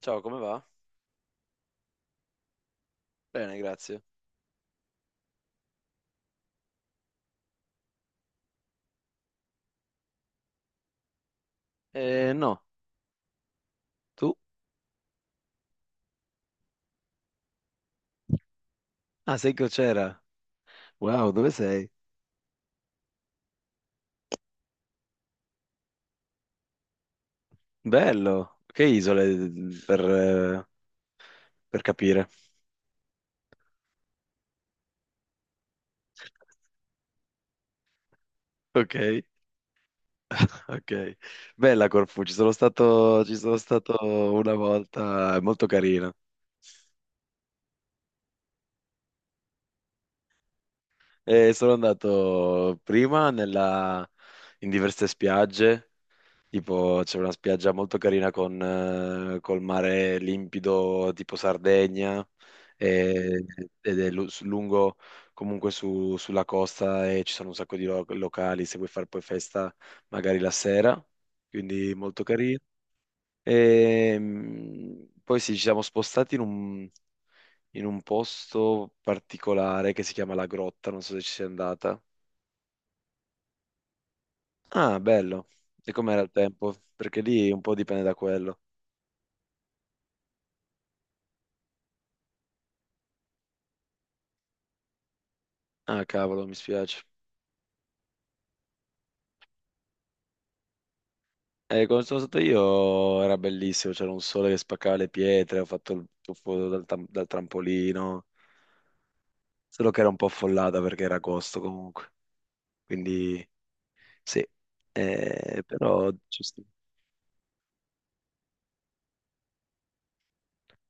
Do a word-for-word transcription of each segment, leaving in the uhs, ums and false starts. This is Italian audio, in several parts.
Ciao, come va? Bene, grazie. Eh, no, tu? Ah, sei crociera. Wow, dove sei? Bello. Che isole per, eh, per capire? Ok, ok. Bella Corfù, ci sono stato, ci sono stato una volta, è molto carina. E sono andato prima nella- in diverse spiagge. Tipo c'è una spiaggia molto carina con, eh, col mare limpido, tipo Sardegna, e- ed è lu- su- lungo comunque su- sulla costa, e ci sono un sacco di lo- locali se vuoi fare poi festa magari la sera, quindi molto carino. E, mm, poi sì, ci siamo spostati in un, in un posto particolare che si chiama La Grotta, non so se ci sei andata. Ah, bello. E com'era il tempo? Perché lì un po' dipende da quello. Ah, cavolo, mi spiace. Eh, quando sono stato io era bellissimo, c'era un sole che spaccava le pietre, ho fatto il tuffo dal, tam- dal trampolino, solo che era un po' affollata perché era agosto comunque, quindi sì. Eh, però ci sta.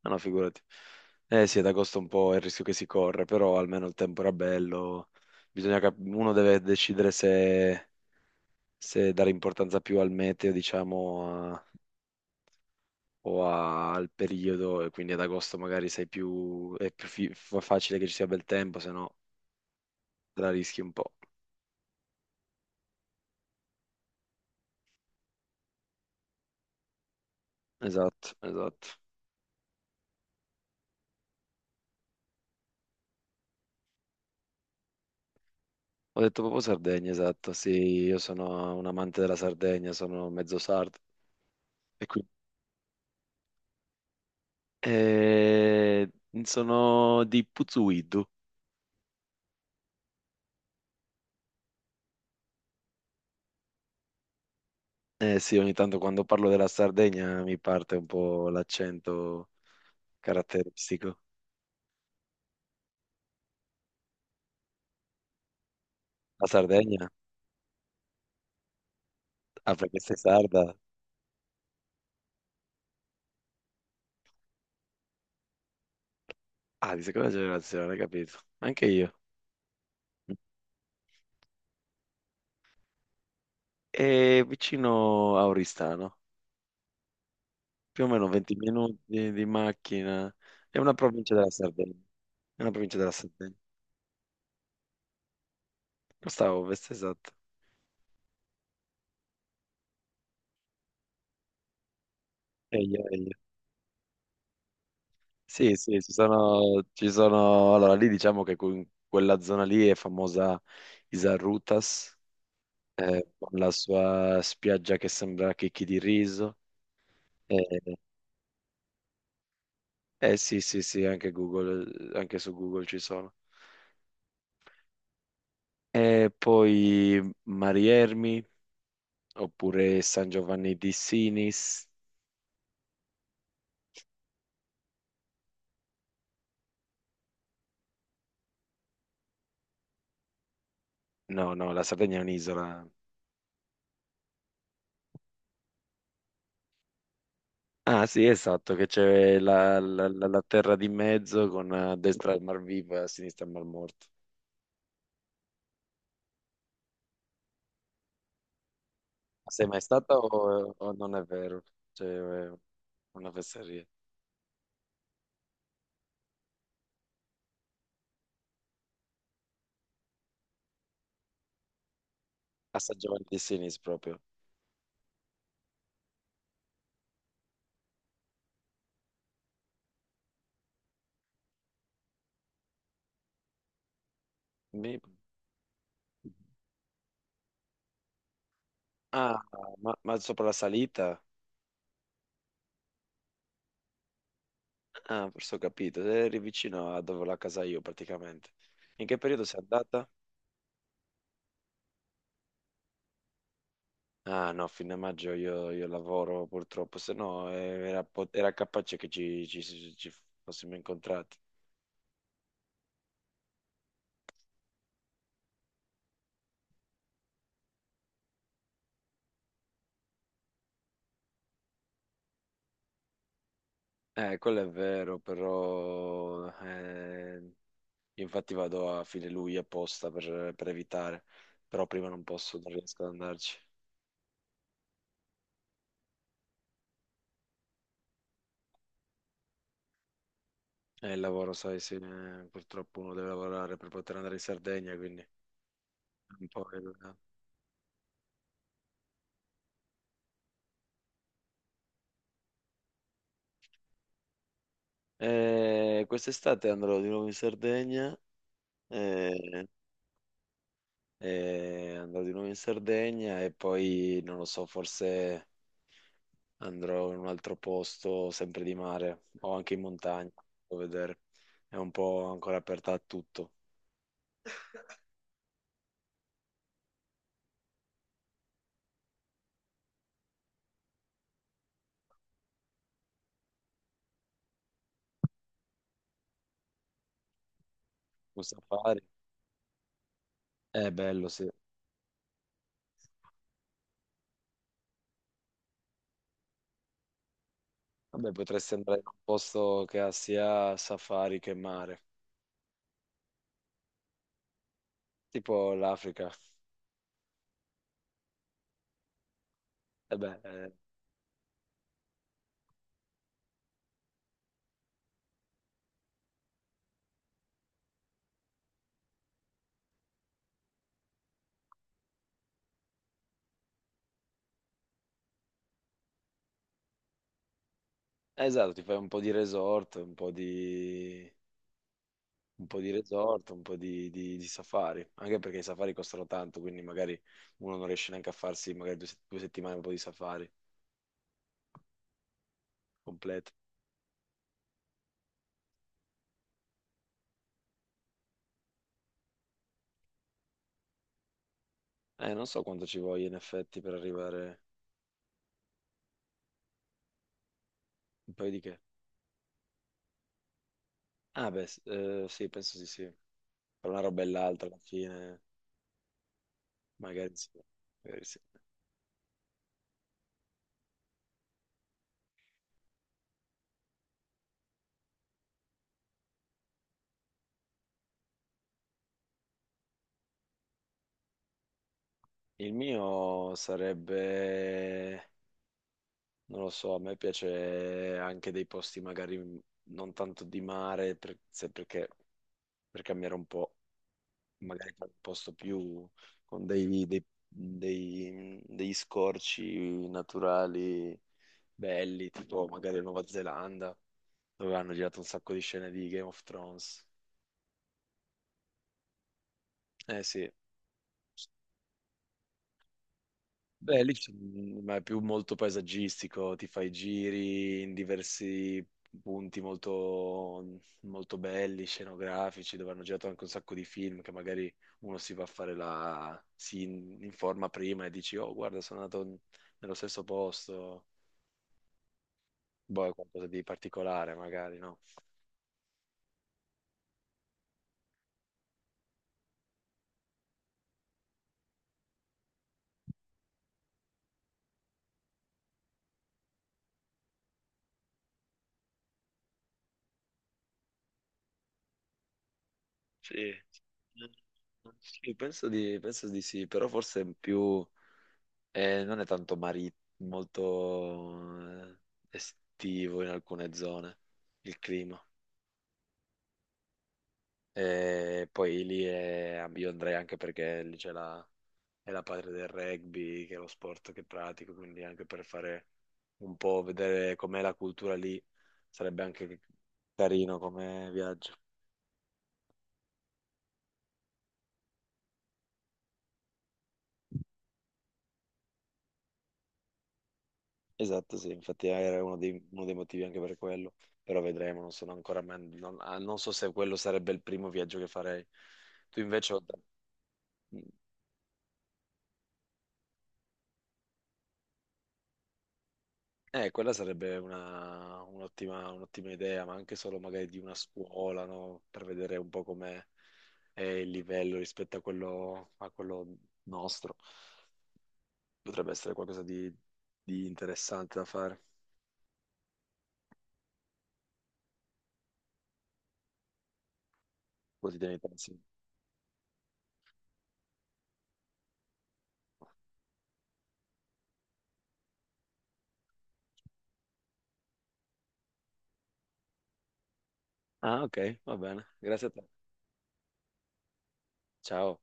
No, no, figurati. Eh sì, ad agosto è un po' è il rischio che si corre, però almeno il tempo era bello. Bisogna cap- uno deve decidere se, se dare importanza più al meteo, diciamo, o a- al periodo, e quindi ad agosto magari sei più, è più fi- fa- facile che ci sia bel tempo, se no te la rischi un po'. Esatto, esatto. Ho detto proprio Sardegna, esatto. Sì, io sono un amante della Sardegna, sono mezzo sardo. E qui. Eh, sono di Puzzuidu. Eh sì, ogni tanto quando parlo della Sardegna mi parte un po' l'accento caratteristico. La Sardegna? Ah, perché sei sarda? Ah, di seconda generazione, capito. Anche io. È vicino a Oristano, più o meno venti minuti di macchina. È una provincia della Sardegna. È una provincia della Sardegna. Costa a ovest, esatto. Eglio, Eglio. Sì, sì, ci sono, ci sono... Allora, lì diciamo che in quella zona lì è famosa Isarrutas, eh, con la sua spiaggia che sembra chicchi di riso. Eh, eh, sì, sì, sì, anche Google, anche su Google ci sono. E poi Mariermi oppure San Giovanni di Sinis. No, no, la Sardegna è un'isola. Ah, sì, esatto, che c'è la, la- la- la terra di mezzo con eh, a destra il Mar Vivo e a sinistra il Mar Morto. Sei mai stata o, o non è vero? C'è eh, una fesseria. A San Giovanni di Sinis proprio. Mi- Ah, ma, ma sopra la salita? Ah, forse ho capito. Eri vicino a dove ho la casa io praticamente. In che periodo sei andata? Ah no, fino a maggio io, io lavoro purtroppo, se no eh, era, po- era capace che ci, ci- ci fossimo incontrati. Eh, quello è vero, però eh, infatti vado a fine luglio apposta per, per evitare, però prima non posso, non riesco ad andarci. E il lavoro, sai, sì, eh, purtroppo uno deve lavorare per poter andare in Sardegna, quindi è un po' il- Eh, Eh, quest'estate andrò di nuovo in Sardegna. eh, e andrò di nuovo in Sardegna e poi, non lo so, forse andrò in un altro posto, sempre di mare o anche in montagna, a vedere. È un po' ancora aperta a tutto. Un safari? È bello, sì. Vabbè, potresti andare in un posto che ha sia safari che mare, tipo l'Africa. E beh, eh, esatto, ti fai un po' di resort, un po' di un po' di resort, un po' di, di- di safari, anche perché i safari costano tanto, quindi magari uno non riesce neanche a farsi magari due, se- due settimane un po' di safari completo. Eh, non so quanto ci voglia in effetti per arrivare un paio di che. Ah, beh, s- eh, sì, penso sì, sì. Tra una roba e l'altra alla fine, magari sì, magari sì. Il mio sarebbe, non lo so, a me piace anche dei posti magari non tanto di mare, per- se- perché per cambiare un po'. Magari per un posto più con dei, dei- dei- degli scorci naturali belli, tipo magari la Nuova Zelanda, dove hanno girato un sacco di scene di Game of Thrones. Eh sì. Beh, lì c'è- ma è più molto paesaggistico, ti fai giri in diversi punti molto, molto belli, scenografici, dove hanno girato anche un sacco di film che magari uno si va a fare la... si in- informa prima e dici, oh, guarda, sono andato in- nello stesso posto, boh, è qualcosa di particolare magari, no? Sì. Sì, penso di, penso di sì, però forse più... Eh, non è tanto mari- molto eh, estivo in alcune zone il clima. E poi lì è- io andrei anche perché lì c'è la, è la patria del rugby, che è lo sport che pratico, quindi anche per fare un po', vedere com'è la cultura lì, sarebbe anche carino come viaggio. Esatto, sì, infatti era uno dei, uno dei motivi anche per quello, però vedremo, non sono ancora, man- non, ah, non so se quello sarebbe il primo viaggio che farei. Tu invece... Eh, quella sarebbe una- un'ottima un'ottima idea, ma anche solo magari di una scuola, no? Per vedere un po' com'è è il livello rispetto a quello, a quello nostro. Potrebbe essere qualcosa di, di interessante da fare, così te ne pensi. Ah, ok, va bene. Grazie a te. Ciao.